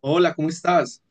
Hola, ¿cómo estás?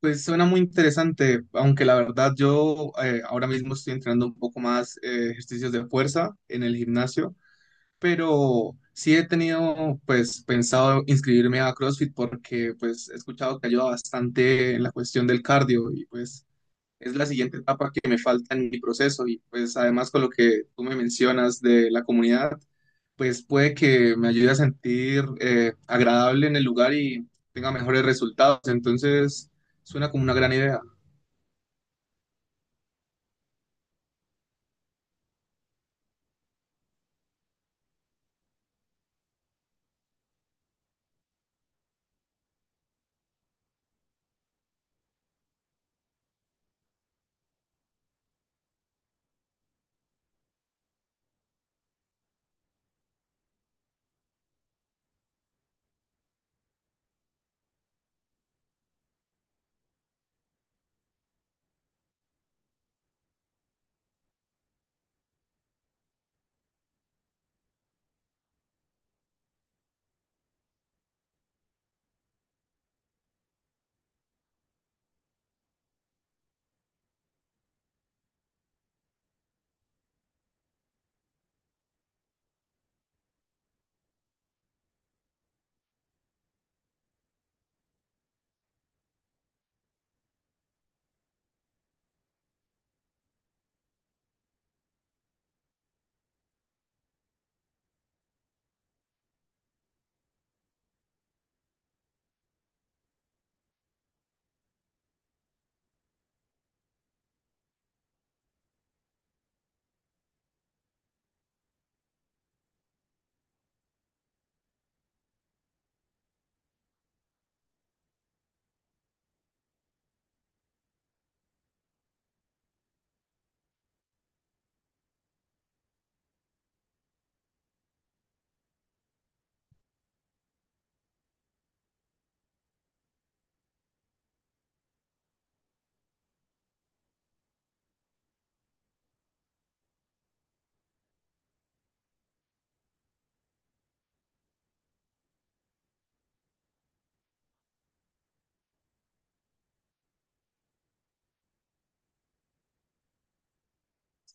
Pues suena muy interesante, aunque la verdad yo ahora mismo estoy entrenando un poco más ejercicios de fuerza en el gimnasio, pero sí he tenido pues pensado inscribirme a CrossFit porque pues he escuchado que ayuda bastante en la cuestión del cardio y pues es la siguiente etapa que me falta en mi proceso y pues además con lo que tú me mencionas de la comunidad, pues puede que me ayude a sentir agradable en el lugar y tenga mejores resultados. Entonces, suena como una gran idea.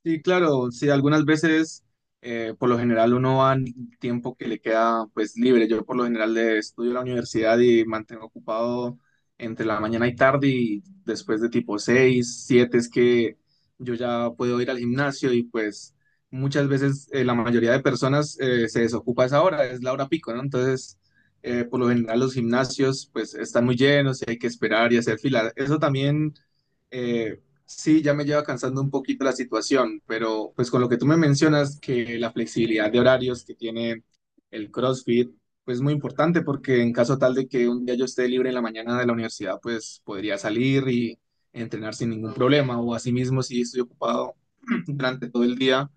Sí, claro, sí, algunas veces, por lo general, uno va en el tiempo que le queda pues libre. Yo por lo general estudio en la universidad y mantengo ocupado entre la mañana y tarde y después de tipo 6, 7 es que yo ya puedo ir al gimnasio y pues muchas veces la mayoría de personas se desocupa a esa hora, es la hora pico, ¿no? Entonces, por lo general los gimnasios pues están muy llenos y hay que esperar y hacer fila. Eso también. eh, Sí, ya me lleva cansando un poquito la situación, pero pues con lo que tú me mencionas, que la flexibilidad de horarios que tiene el CrossFit, pues es muy importante porque en caso tal de que un día yo esté libre en la mañana de la universidad, pues podría salir y entrenar sin ningún problema, o asimismo si estoy ocupado durante todo el día,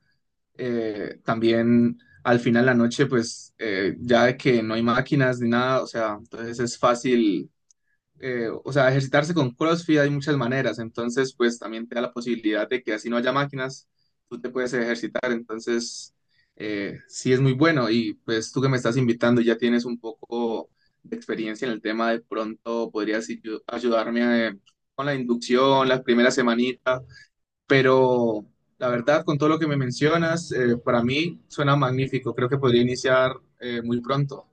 también al final de la noche, pues ya que no hay máquinas ni nada, o sea, entonces es fácil o sea, ejercitarse con CrossFit hay muchas maneras, entonces pues también te da la posibilidad de que así no haya máquinas, tú te puedes ejercitar, entonces sí es muy bueno y pues tú que me estás invitando ya tienes un poco de experiencia en el tema, de pronto podrías ayudarme con la inducción, las primeras semanitas, pero la verdad con todo lo que me mencionas, para mí suena magnífico, creo que podría iniciar muy pronto.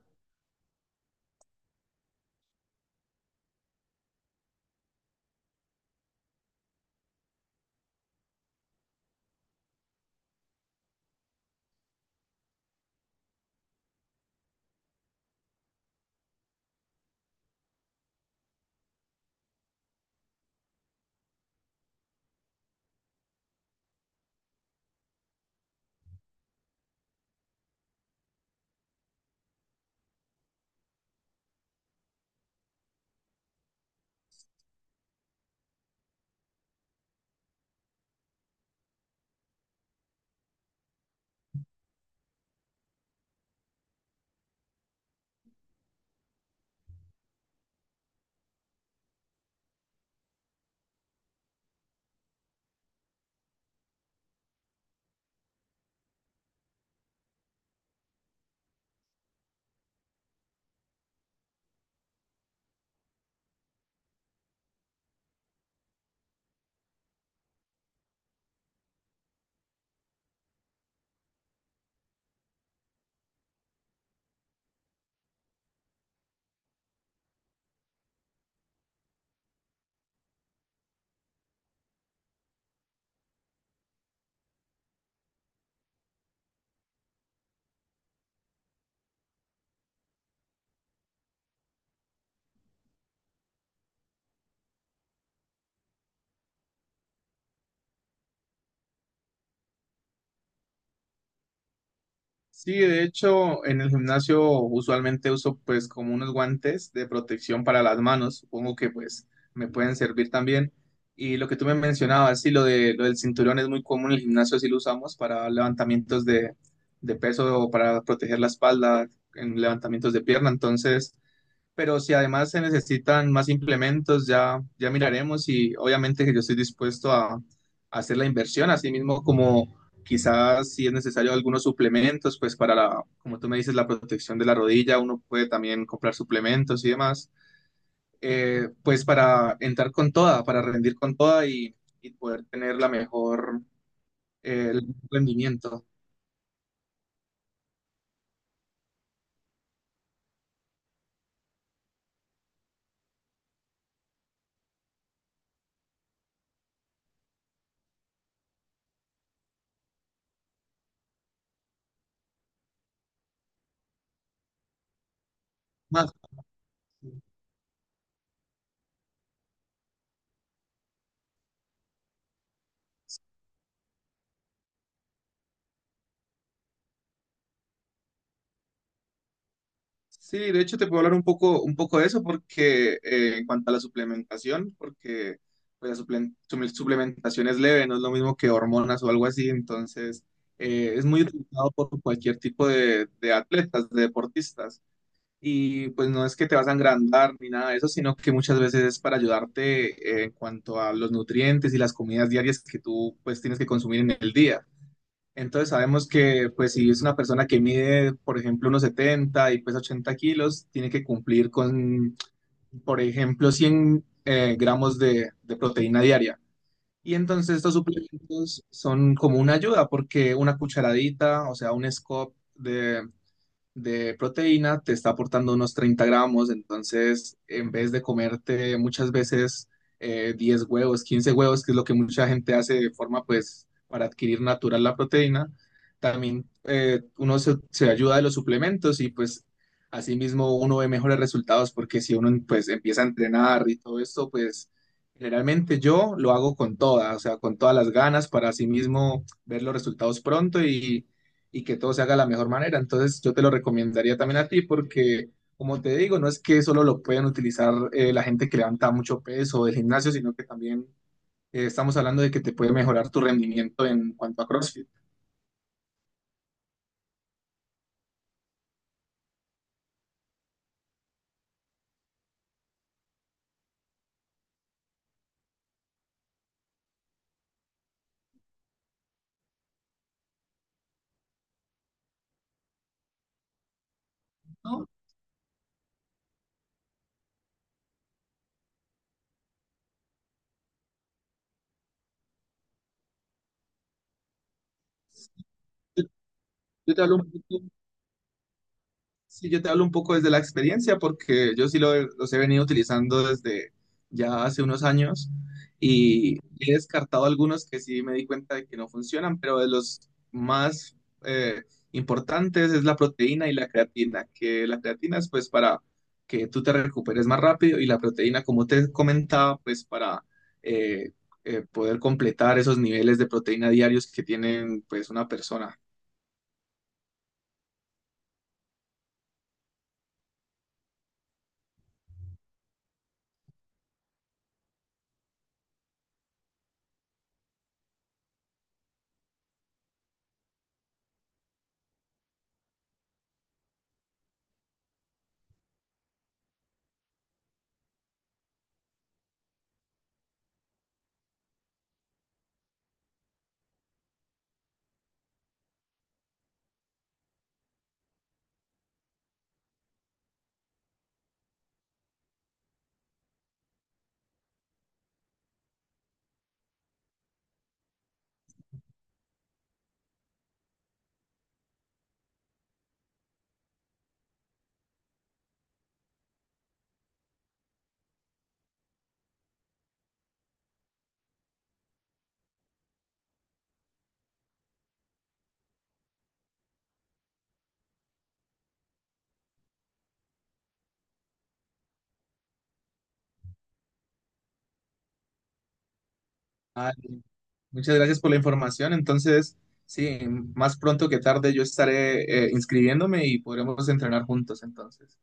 Sí, de hecho, en el gimnasio usualmente uso pues como unos guantes de protección para las manos, supongo que pues me pueden servir también. Y lo que tú me mencionabas, sí, lo del cinturón es muy común en el gimnasio, sí lo usamos para levantamientos de peso o para proteger la espalda en levantamientos de pierna. Entonces, pero si además se necesitan más implementos, ya miraremos y obviamente que yo estoy dispuesto a hacer la inversión, así mismo como quizás si es necesario algunos suplementos, pues para la, como tú me dices, la protección de la rodilla, uno puede también comprar suplementos y demás, pues para entrar con toda, para rendir con toda y poder tener el mejor rendimiento. Más. Sí, de hecho te puedo hablar un poco de eso porque en cuanto a la suplementación, porque pues, la suplementación es leve, no es lo mismo que hormonas o algo así, entonces es muy utilizado por cualquier tipo de atletas, de deportistas, y pues no es que te vas a engrandar ni nada de eso, sino que muchas veces es para ayudarte en cuanto a los nutrientes y las comidas diarias que tú pues tienes que consumir en el día. Entonces sabemos que pues si es una persona que mide, por ejemplo, unos 70 y pesa 80 kilos, tiene que cumplir con, por ejemplo, 100 gramos de proteína diaria. Y entonces estos suplementos son como una ayuda porque una cucharadita, o sea, un scoop de proteína te está aportando unos 30 gramos, entonces en vez de comerte muchas veces 10 huevos, 15 huevos, que es lo que mucha gente hace de forma pues para adquirir natural la proteína, también uno se ayuda de los suplementos y pues asimismo uno ve mejores resultados porque si uno pues empieza a entrenar y todo esto pues... Generalmente yo lo hago con todas, o sea, con todas las ganas para asimismo ver los resultados pronto y que todo se haga de la mejor manera. Entonces, yo te lo recomendaría también a ti porque, como te digo, no es que solo lo puedan utilizar la gente que levanta mucho peso del gimnasio, sino que también estamos hablando de que te puede mejorar tu rendimiento en cuanto a CrossFit, ¿no? Yo te hablo un poquito Sí, yo te hablo un poco desde la experiencia porque yo sí los he venido utilizando desde ya hace unos años y he descartado algunos que sí me di cuenta de que no funcionan, pero de los más eh, importantes es la proteína y la creatina, que la creatina es pues para que tú te recuperes más rápido y la proteína, como te comentaba, pues para eh, poder completar esos niveles de proteína diarios que tienen pues una persona. Muchas gracias por la información. Entonces, sí, más pronto que tarde yo estaré inscribiéndome y podremos entrenar juntos entonces.